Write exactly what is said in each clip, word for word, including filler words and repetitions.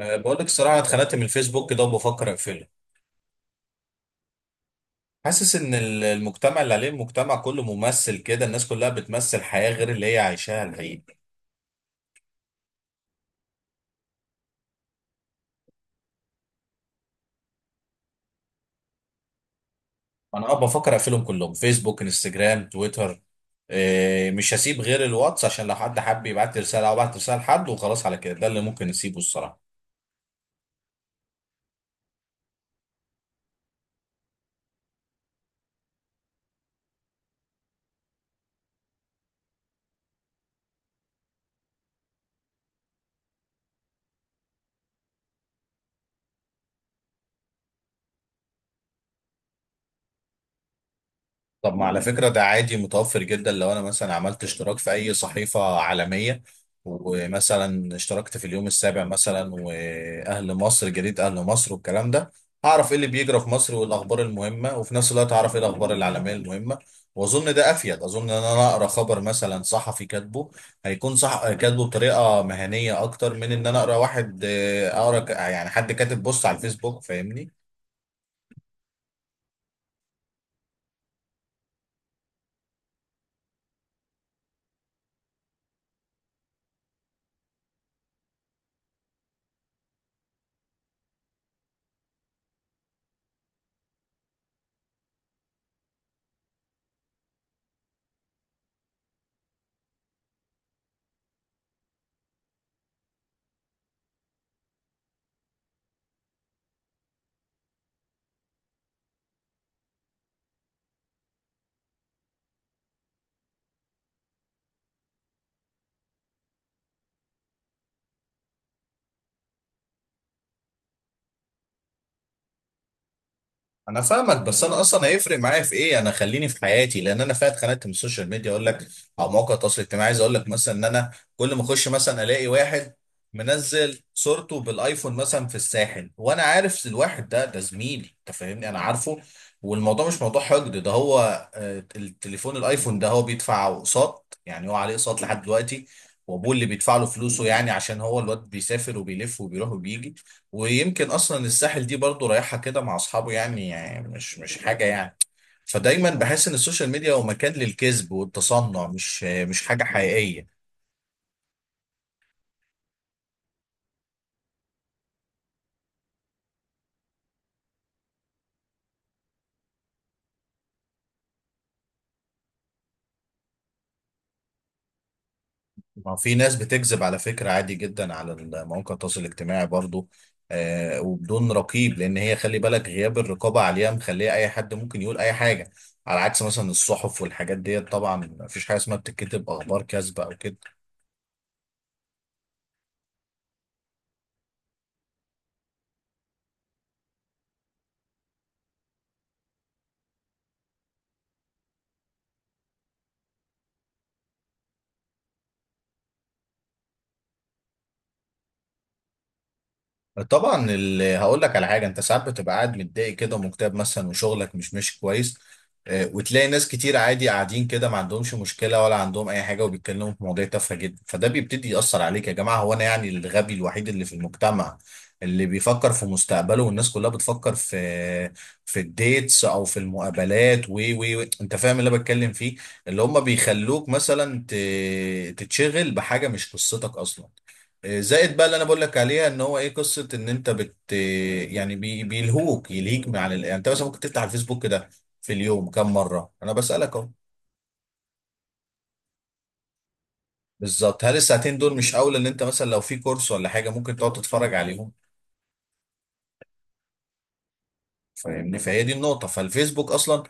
أه، بقول لك الصراحة أنا اتخنقت من الفيسبوك كده وبفكر أقفله. حاسس إن ال- المجتمع اللي عليه، المجتمع كله ممثل كده، الناس كلها بتمثل حياة غير اللي هي عايشاها الحقيقة. أنا أه بفكر أقفلهم كلهم، فيسبوك، انستجرام، تويتر. أه، مش هسيب غير الواتس عشان لو حد حب يبعت لي رسالة أو بعت رسالة لحد، وخلاص على كده، ده اللي ممكن نسيبه الصراحة. طب ما على فكرة ده عادي متوفر جدا، لو أنا مثلا عملت اشتراك في أي صحيفة عالمية ومثلا اشتركت في اليوم السابع مثلا وأهل مصر، جريدة أهل مصر والكلام ده، هعرف إيه اللي بيجرى في مصر والأخبار المهمة، وفي نفس الوقت هعرف إيه الأخبار العالمية المهمة. وأظن ده أفيد، أظن إن أنا أقرأ خبر مثلا صحفي كاتبه هيكون صح، كاتبه بطريقة مهنية أكتر من إن أنا أقرأ واحد آه، أقرأ ك- يعني حد كاتب بوست على الفيسبوك، فاهمني؟ انا فاهمك، بس انا اصلا هيفرق معايا في ايه؟ انا خليني في حياتي، لان انا فات اتخانقت من السوشيال ميديا اقول لك، او مواقع التواصل الاجتماعي، عايز اقول لك مثلا ان انا كل ما اخش مثلا الاقي واحد منزل صورته بالايفون مثلا في الساحل، وانا عارف الواحد ده، ده زميلي، انت فاهمني، انا عارفه. والموضوع مش موضوع حقد، ده هو آه، التليفون الايفون ده هو بيدفع اقساط، يعني هو عليه اقساط لحد دلوقتي. وابوه اللي بيدفع له فلوسه، يعني عشان هو الواد بيسافر وبيلف وبيروح وبيجي. ويمكن اصلا الساحل دي برضو رايحه كده مع اصحابه، يعني, يعني مش مش حاجه يعني. فدايما بحس ان السوشيال ميديا هو مكان للكذب والتصنع، مش مش حاجه حقيقيه. ما في ناس بتكذب على فكره، عادي جدا، على مواقع التواصل الاجتماعي برضو. آه وبدون رقيب، لان هي خلي بالك، غياب الرقابه عليها مخليه اي حد ممكن يقول اي حاجه، على عكس مثلا الصحف والحاجات ديت، طبعا مفيش حاجه اسمها بتتكتب اخبار كاذبه او كده. طبعا ال- هقول لك على حاجه، انت ساعات بتبقى قاعد متضايق كده ومكتئب مثلا، وشغلك مش ماشي كويس، آه، وتلاقي ناس كتير عادي قاعدين كده، ما عندهمش مشكله ولا عندهم اي حاجه، وبيتكلموا في مواضيع تافهه جدا، فده بيبتدي ياثر عليك، يا جماعه هو انا يعني الغبي الوحيد اللي في المجتمع اللي بيفكر في مستقبله، والناس كلها بتفكر في في الديتس او في المقابلات و و و. انت فاهم اللي انا بتكلم فيه؟ اللي هم بيخلوك مثلا ت- تتشغل بحاجه مش قصتك اصلا. آه، زائد بقى اللي انا بقول لك عليها، ان هو ايه قصه ان انت بت يعني بي... بيلهوك يلهيك من عن ال... يعني انت مثلا ممكن تفتح الفيسبوك كده في اليوم كم مره؟ انا بسالك اهو. بالظبط، هل الساعتين دول مش اولى ان انت مثلا لو في كورس ولا حاجه ممكن تقعد تتفرج عليهم؟ فاهمني؟ فهي دي النقطه. فالفيسبوك اصلا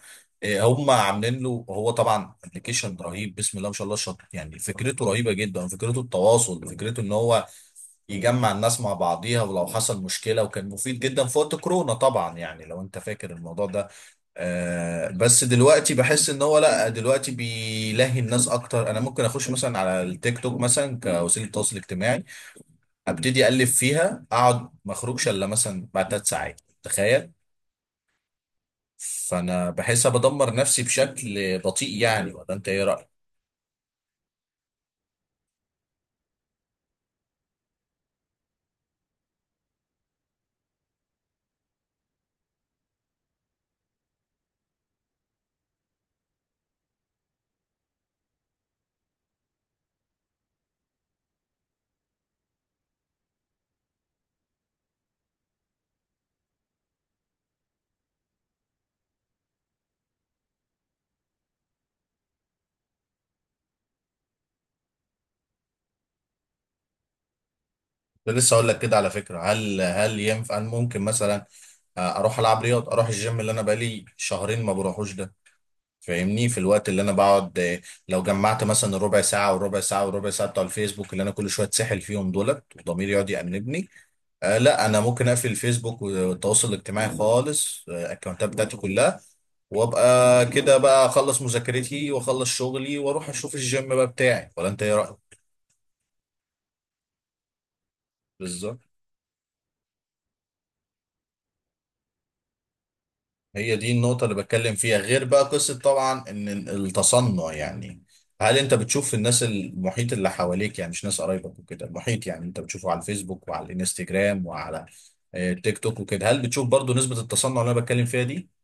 آه، هم عاملين له، هو طبعا ابلكيشن رهيب بسم الله ما شاء الله، شاطر يعني، فكرته رهيبه جدا، فكرته التواصل، فكرته ان هو يجمع الناس مع بعضيها ولو حصل مشكله، وكان مفيد جدا في وقت كورونا طبعا، يعني لو انت فاكر الموضوع ده. آه بس دلوقتي بحس ان هو لا، دلوقتي بيلهي الناس اكتر، انا ممكن اخش مثلا على التيك توك مثلا كوسيله تواصل اجتماعي، ابتدي اقلب فيها، اقعد ما اخرجش الا مثلا بعد ثلاث ساعات، تخيل. فانا بحس بدمر نفسي بشكل بطيء يعني، ولا انت ايه رايك؟ كنت لسه اقول لك كده على فكره، هل هل ينفع، هل ممكن مثلا آه، اروح العب رياضه، اروح الجيم اللي انا بقالي شهرين ما بروحوش ده. فاهمني، في الوقت اللي انا بقعد آه، لو جمعت مثلا ربع ساعه وربع ساعه وربع ساعه بتوع الفيسبوك اللي انا كل شويه اتسحل فيهم دولت، وضميري يقعد يأنبني. آه، لا، انا ممكن اقفل الفيسبوك والتواصل الاجتماعي خالص، آه، الاكونتات بتاعتي كلها وابقى كده بقى، اخلص مذاكرتي واخلص شغلي واروح اشوف الجيم بقى بتاعي، ولا انت ايه رايك؟ بالظبط، هي دي النقطة اللي بتكلم فيها، غير بقى قصة طبعا ان التصنع يعني. هل انت بتشوف الناس المحيط اللي حواليك، يعني مش ناس قرايبك وكده، المحيط يعني انت بتشوفه على الفيسبوك وعلى الانستجرام وعلى آه، التيك توك وكده، هل بتشوف برضو نسبة التصنع اللي انا بتكلم فيها دي؟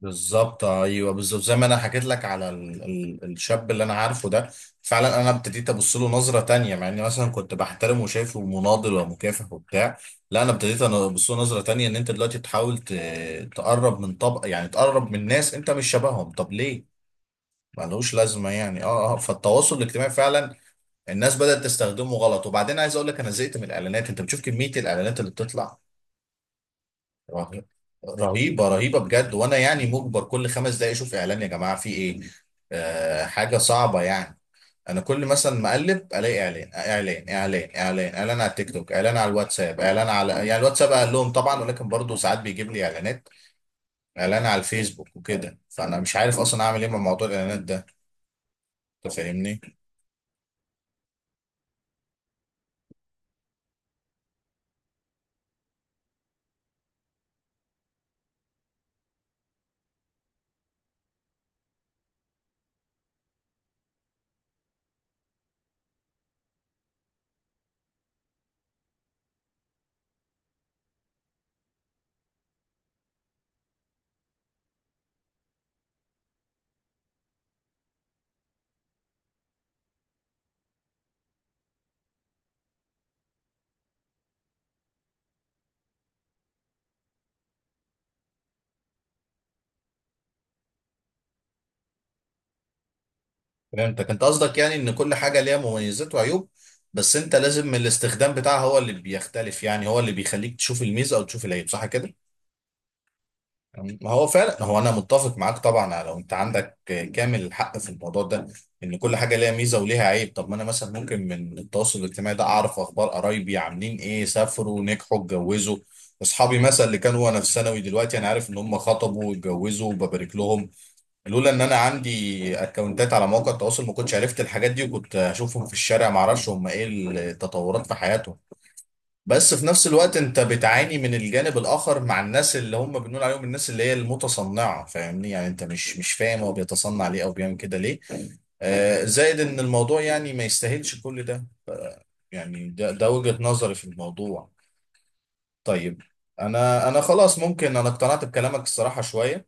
بالظبط، ايوه، بالظبط، زي ما انا حكيت لك على ال ال الشاب اللي انا عارفه ده. فعلا انا ابتديت ابص له نظره تانية، مع اني مثلا كنت بحترمه وشايفه مناضل ومكافح وبتاع. لا، انا ابتديت انا ابص له نظره تانية، ان انت دلوقتي تحاول ت- تقرب من طبقه، يعني تقرب من ناس انت مش شبههم، طب ليه؟ ملوش لازمه يعني، اه اه فالتواصل الاجتماعي فعلا الناس بدأت تستخدمه غلط، وبعدين عايز اقول لك، انا زهقت من الاعلانات، انت بتشوف كميه الاعلانات اللي بتطلع، رهيب- رهيبه رهيبه بجد، وانا يعني مجبر كل خمس دقايق اشوف اعلان، يا جماعه في ايه؟ آه حاجه صعبه يعني. انا كل مثلا ما اقلب الاقي اعلان اعلان اعلان اعلان اعلان على التيك توك، اعلان على الواتساب، اعلان على يعني الواتساب اقل لهم طبعا، ولكن برضه ساعات بيجيب لي اعلانات، اعلان على الفيسبوك وكده، فانا مش عارف اصلا اعمل ايه مع موضوع الاعلانات ده. انت فاهمني؟ فهمتك، انت قصدك يعني ان كل حاجه ليها مميزات وعيوب، بس انت لازم الاستخدام بتاعها هو اللي بيختلف، يعني هو اللي بيخليك تشوف الميزه او تشوف العيب، صح كده؟ ما هو فعلا، هو انا متفق معاك طبعا على- لو انت عندك كامل الحق في الموضوع ده، ان كل حاجه ليها ميزه وليها عيب. طب ما انا مثلا ممكن من التواصل الاجتماعي ده اعرف اخبار قرايبي عاملين ايه، سافروا، نجحوا، اتجوزوا. اصحابي مثلا اللي كانوا وانا في ثانوي، دلوقتي انا عارف ان هم خطبوا واتجوزوا وببارك لهم. لولا ان انا عندي اكونتات على مواقع التواصل ما كنتش عرفت الحاجات دي، وكنت هشوفهم في الشارع ما اعرفش هم ايه التطورات في حياتهم. بس في نفس الوقت انت بتعاني من الجانب الاخر، مع الناس اللي هم بنقول عليهم الناس اللي هي المتصنعه، فاهمني؟ يعني انت مش مش فاهم هو بيتصنع ليه او بيعمل كده ليه. آه زائد ان الموضوع يعني ما يستاهلش كل ده، يعني ده ده وجهه نظري في الموضوع. طيب. انا انا خلاص، ممكن انا اقتنعت بكلامك الصراحه شويه،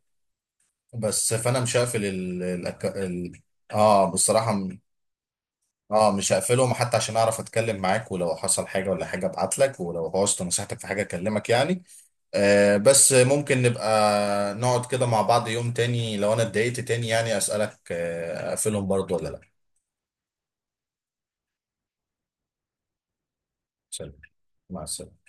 بس فانا مش هقفل. ال... ال... ال... اه، بصراحه. اه، مش هقفلهم حتى عشان اعرف اتكلم معاك، ولو حصل حاجه ولا حاجه ابعت لك، ولو بوظت نصيحتك في حاجه اكلمك يعني. آه بس ممكن نبقى نقعد كده مع بعض يوم تاني، لو انا اتضايقت تاني يعني اسالك، آه اقفلهم برضو ولا لا؟ سلام، مع السلامه.